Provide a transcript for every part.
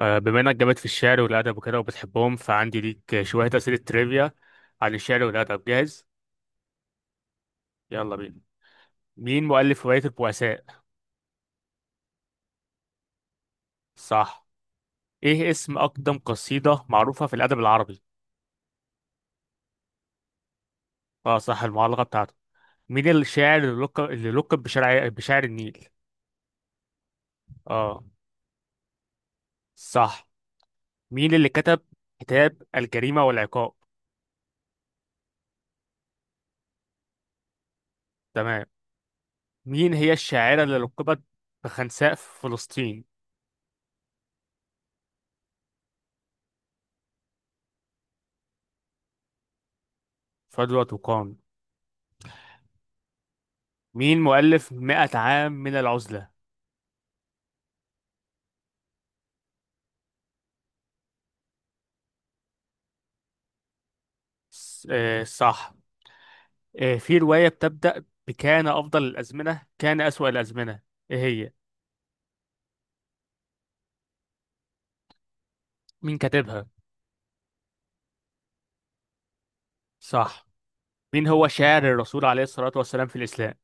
بما انك جامد في الشعر والادب وكده وبتحبهم فعندي ليك شويه اسئله ترivia عن الشعر والادب. جاهز؟ يلا بينا. مين مؤلف روايه البؤساء؟ صح. ايه اسم اقدم قصيده معروفه في الادب العربي؟ اه صح، المعلقه بتاعته. مين الشاعر اللي لقب بشاعر النيل؟ اه صح. مين اللي كتب كتاب الجريمه والعقاب؟ تمام. مين هي الشاعره اللي لقبت بخنساء في فلسطين؟ فضل وقام. مين مؤلف مئة عام من العزلة؟ صح. آه، في رواية بتبدأ بكان أفضل الأزمنة كان أسوأ الأزمنة، إيه هي؟ مين كاتبها؟ صح. مين هو شاعر الرسول عليه الصلاة والسلام في الإسلام؟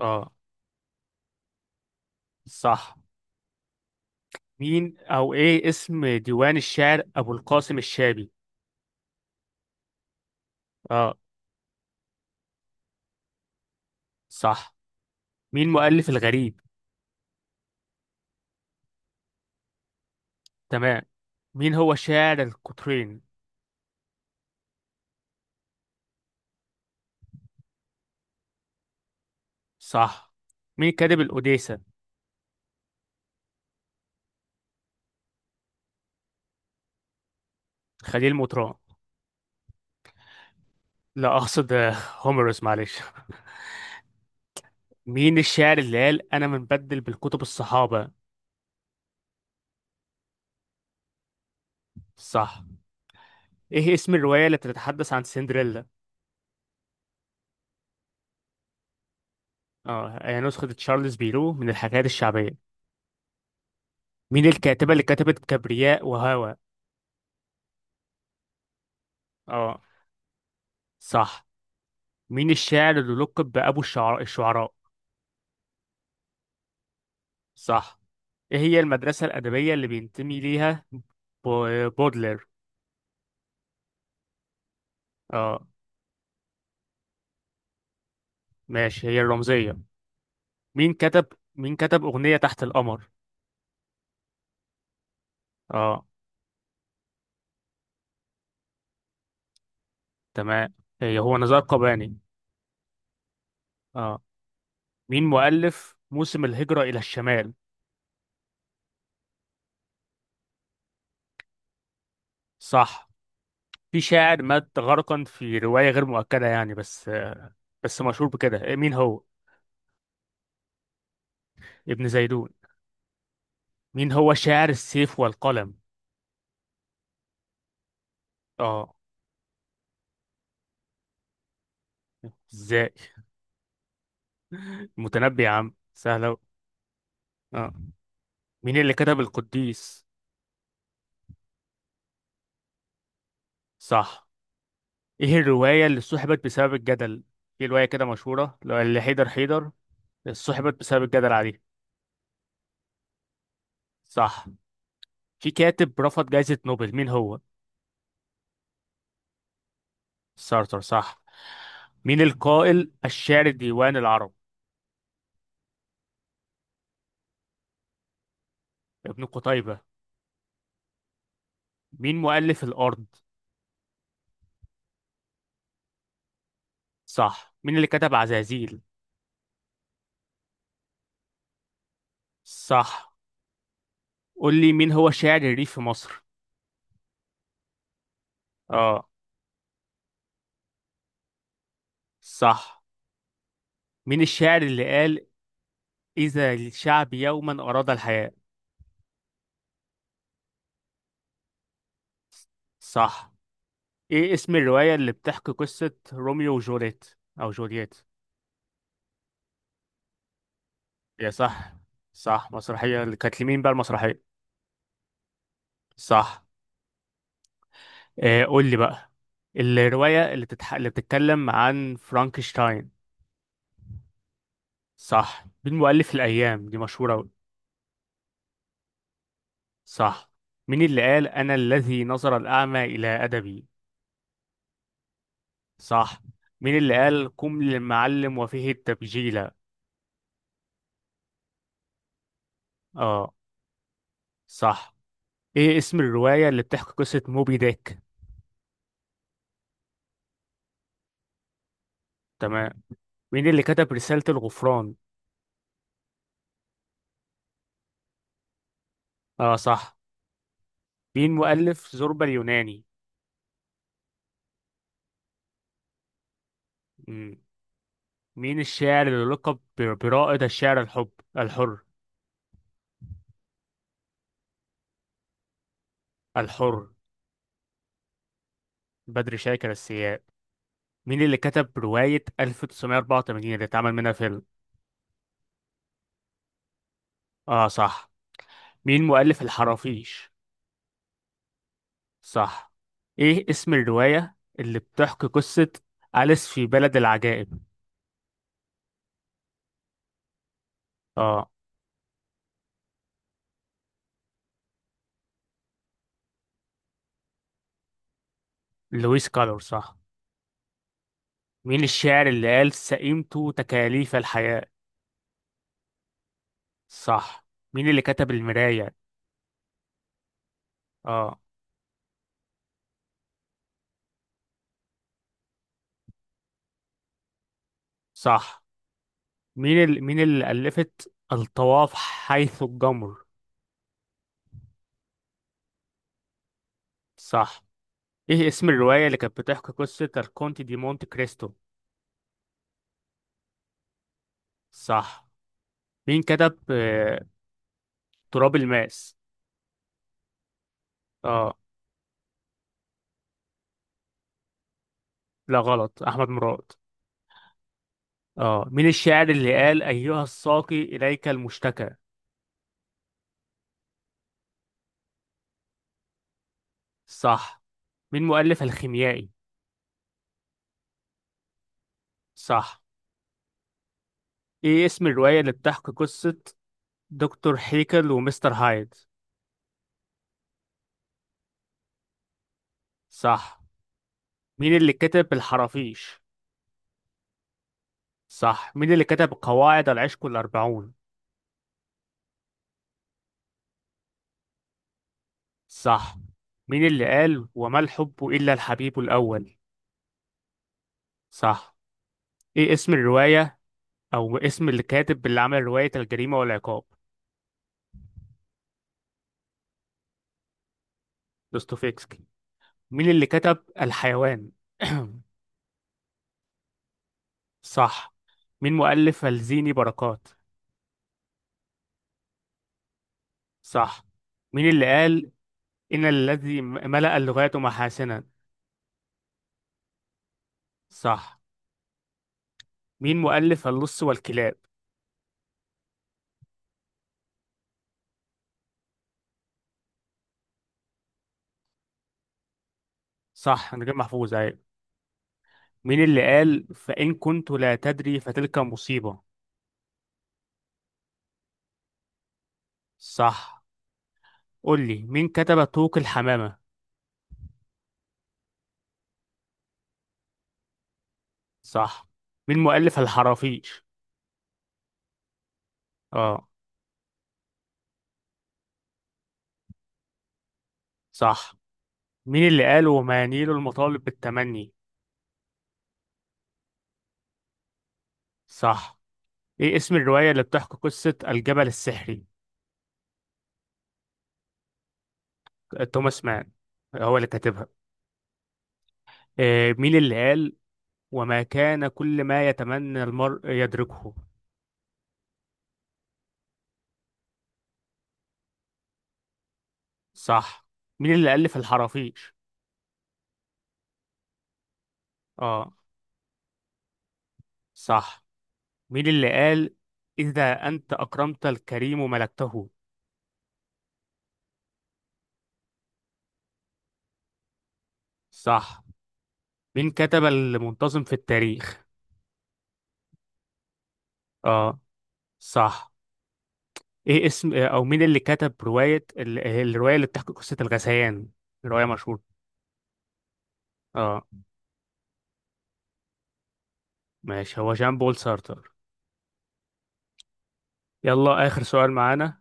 آه صح. مين أو إيه اسم ديوان الشعر أبو القاسم الشابي؟ آه صح. مين مؤلف الغريب؟ تمام. مين هو شاعر القطرين؟ صح. مين كاتب الأوديسة؟ خليل مطران، لا أقصد هوميروس، معلش. مين الشاعر اللي قال أنا منبدل بالكتب الصحابة؟ صح. إيه اسم الرواية التي تتحدث عن سندريلا؟ اه هي نسخة تشارلز بيرو من الحكايات الشعبية. مين الكاتبة اللي كتبت كبرياء وهوى؟ اه صح. مين الشاعر اللي لقب بأبو الشعر الشعراء؟ صح. إيه هي المدرسة الأدبية اللي بينتمي ليها بودلر؟ اه ماشي، هي الرمزية. مين كتب مين كتب أغنية تحت القمر؟ اه تمام، هي هو نزار قباني. اه. مين مؤلف موسم الهجرة إلى الشمال؟ صح. في شاعر مات غرقا في رواية غير مؤكدة يعني، بس مشهور بكده، مين هو؟ ابن زيدون. مين هو شاعر السيف والقلم؟ اه، ازاي؟ متنبي يا عم، سهلة أوي. اه. مين اللي كتب القديس؟ صح. ايه الرواية اللي سحبت بسبب الجدل؟ في رواية كده مشهورة اللي حيدر حيدر سحبت بسبب الجدل عليه. صح. في كاتب رفض جائزة نوبل، مين هو؟ سارتر، صح. مين القائل الشاعر ديوان العرب؟ ابن قتيبة. مين مؤلف الأرض؟ صح. مين اللي كتب عزازيل؟ صح. قول لي مين هو شاعر الريف في مصر؟ اه صح. مين الشاعر اللي قال إذا الشعب يوما أراد الحياة؟ صح. ايه اسم الرواية اللي بتحكي قصة روميو وجوليت أو جولييت؟ يا صح، صح، مسرحية. اللي كانت لمين بقى المسرحية؟ صح. آه قول لي بقى الرواية اللي بتتكلم عن فرانكشتاين. صح. مين مؤلف الأيام؟ دي مشهورة أوي. صح. مين اللي قال أنا الذي نظر الأعمى إلى أدبي؟ صح. مين اللي قال قم للمعلم وفيه التبجيلة؟ اه صح. إيه اسم الرواية اللي بتحكي قصة موبي ديك؟ تمام. مين اللي كتب رسالة الغفران؟ اه صح. مين مؤلف زوربا اليوناني؟ مم. مين الشاعر اللي لقب برائد الشعر الحر؟ الحر، بدر شاكر السياب. مين اللي كتب رواية 1984 اللي اتعمل منها فيلم؟ اه صح. مين مؤلف الحرافيش؟ صح. ايه اسم الرواية اللي بتحكي قصة أليس في بلد العجائب؟ اه، لويس كالور صح. مين الشاعر اللي قال سئمت تكاليف الحياة؟ صح. مين اللي كتب المراية؟ اه صح. مين اللي ألفت الطواف حيث الجمر؟ صح. ايه اسم الرواية اللي كانت بتحكي قصة الكونت دي مونت كريستو؟ صح. مين كتب تراب الماس؟ اه لا غلط، احمد مراد. اه. مين الشاعر اللي قال ايها الساقي اليك المشتكى؟ صح. مين مؤلف الخيميائي؟ صح. ايه اسم الرواية اللي بتحكي قصة دكتور هيكل ومستر هايد؟ صح. مين اللي كتب الحرافيش؟ صح. مين اللي كتب قواعد العشق الأربعون؟ صح. مين اللي قال وما الحب إلا الحبيب الأول؟ صح. ايه اسم الرواية او اسم اللي كاتب اللي عمل رواية الجريمة والعقاب؟ دوستويفسكي. مين اللي كتب الحيوان؟ صح. مين مؤلف الزيني بركات؟ صح. مين اللي قال إن الذي ملأ اللغات محاسنا؟ صح. مين مؤلف اللص والكلاب؟ صح، نجيب محفوظ أيوة. مين اللي قال فإن كنت لا تدري فتلك مصيبة؟ صح. قول لي مين كتب طوق الحمامة؟ صح. مين مؤلف الحرافيش؟ اه صح. مين اللي قال وما ينيل المطالب بالتمني؟ صح. ايه اسم الرواية اللي بتحكي قصة الجبل السحري؟ توماس مان هو اللي كاتبها. إيه مين اللي قال وما كان كل ما يتمنى المرء يدركه؟ صح. مين اللي ألف الحرافيش؟ اه صح. مين اللي قال إذا أنت أكرمت الكريم ملكته؟ صح. مين كتب المنتظم في التاريخ؟ اه صح. ايه اسم او مين اللي كتب رواية الرواية اللي بتحكي قصة الغثيان؟ رواية مشهورة. اه ماشي، هو جان بول سارتر. يلا آخر سؤال معانا،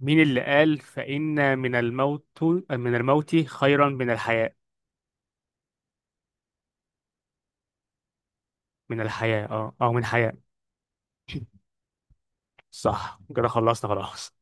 مين اللي قال فإن من الموت خيرا من الحياة؟ اه او من حياة. صح، كده خلصنا خلاص.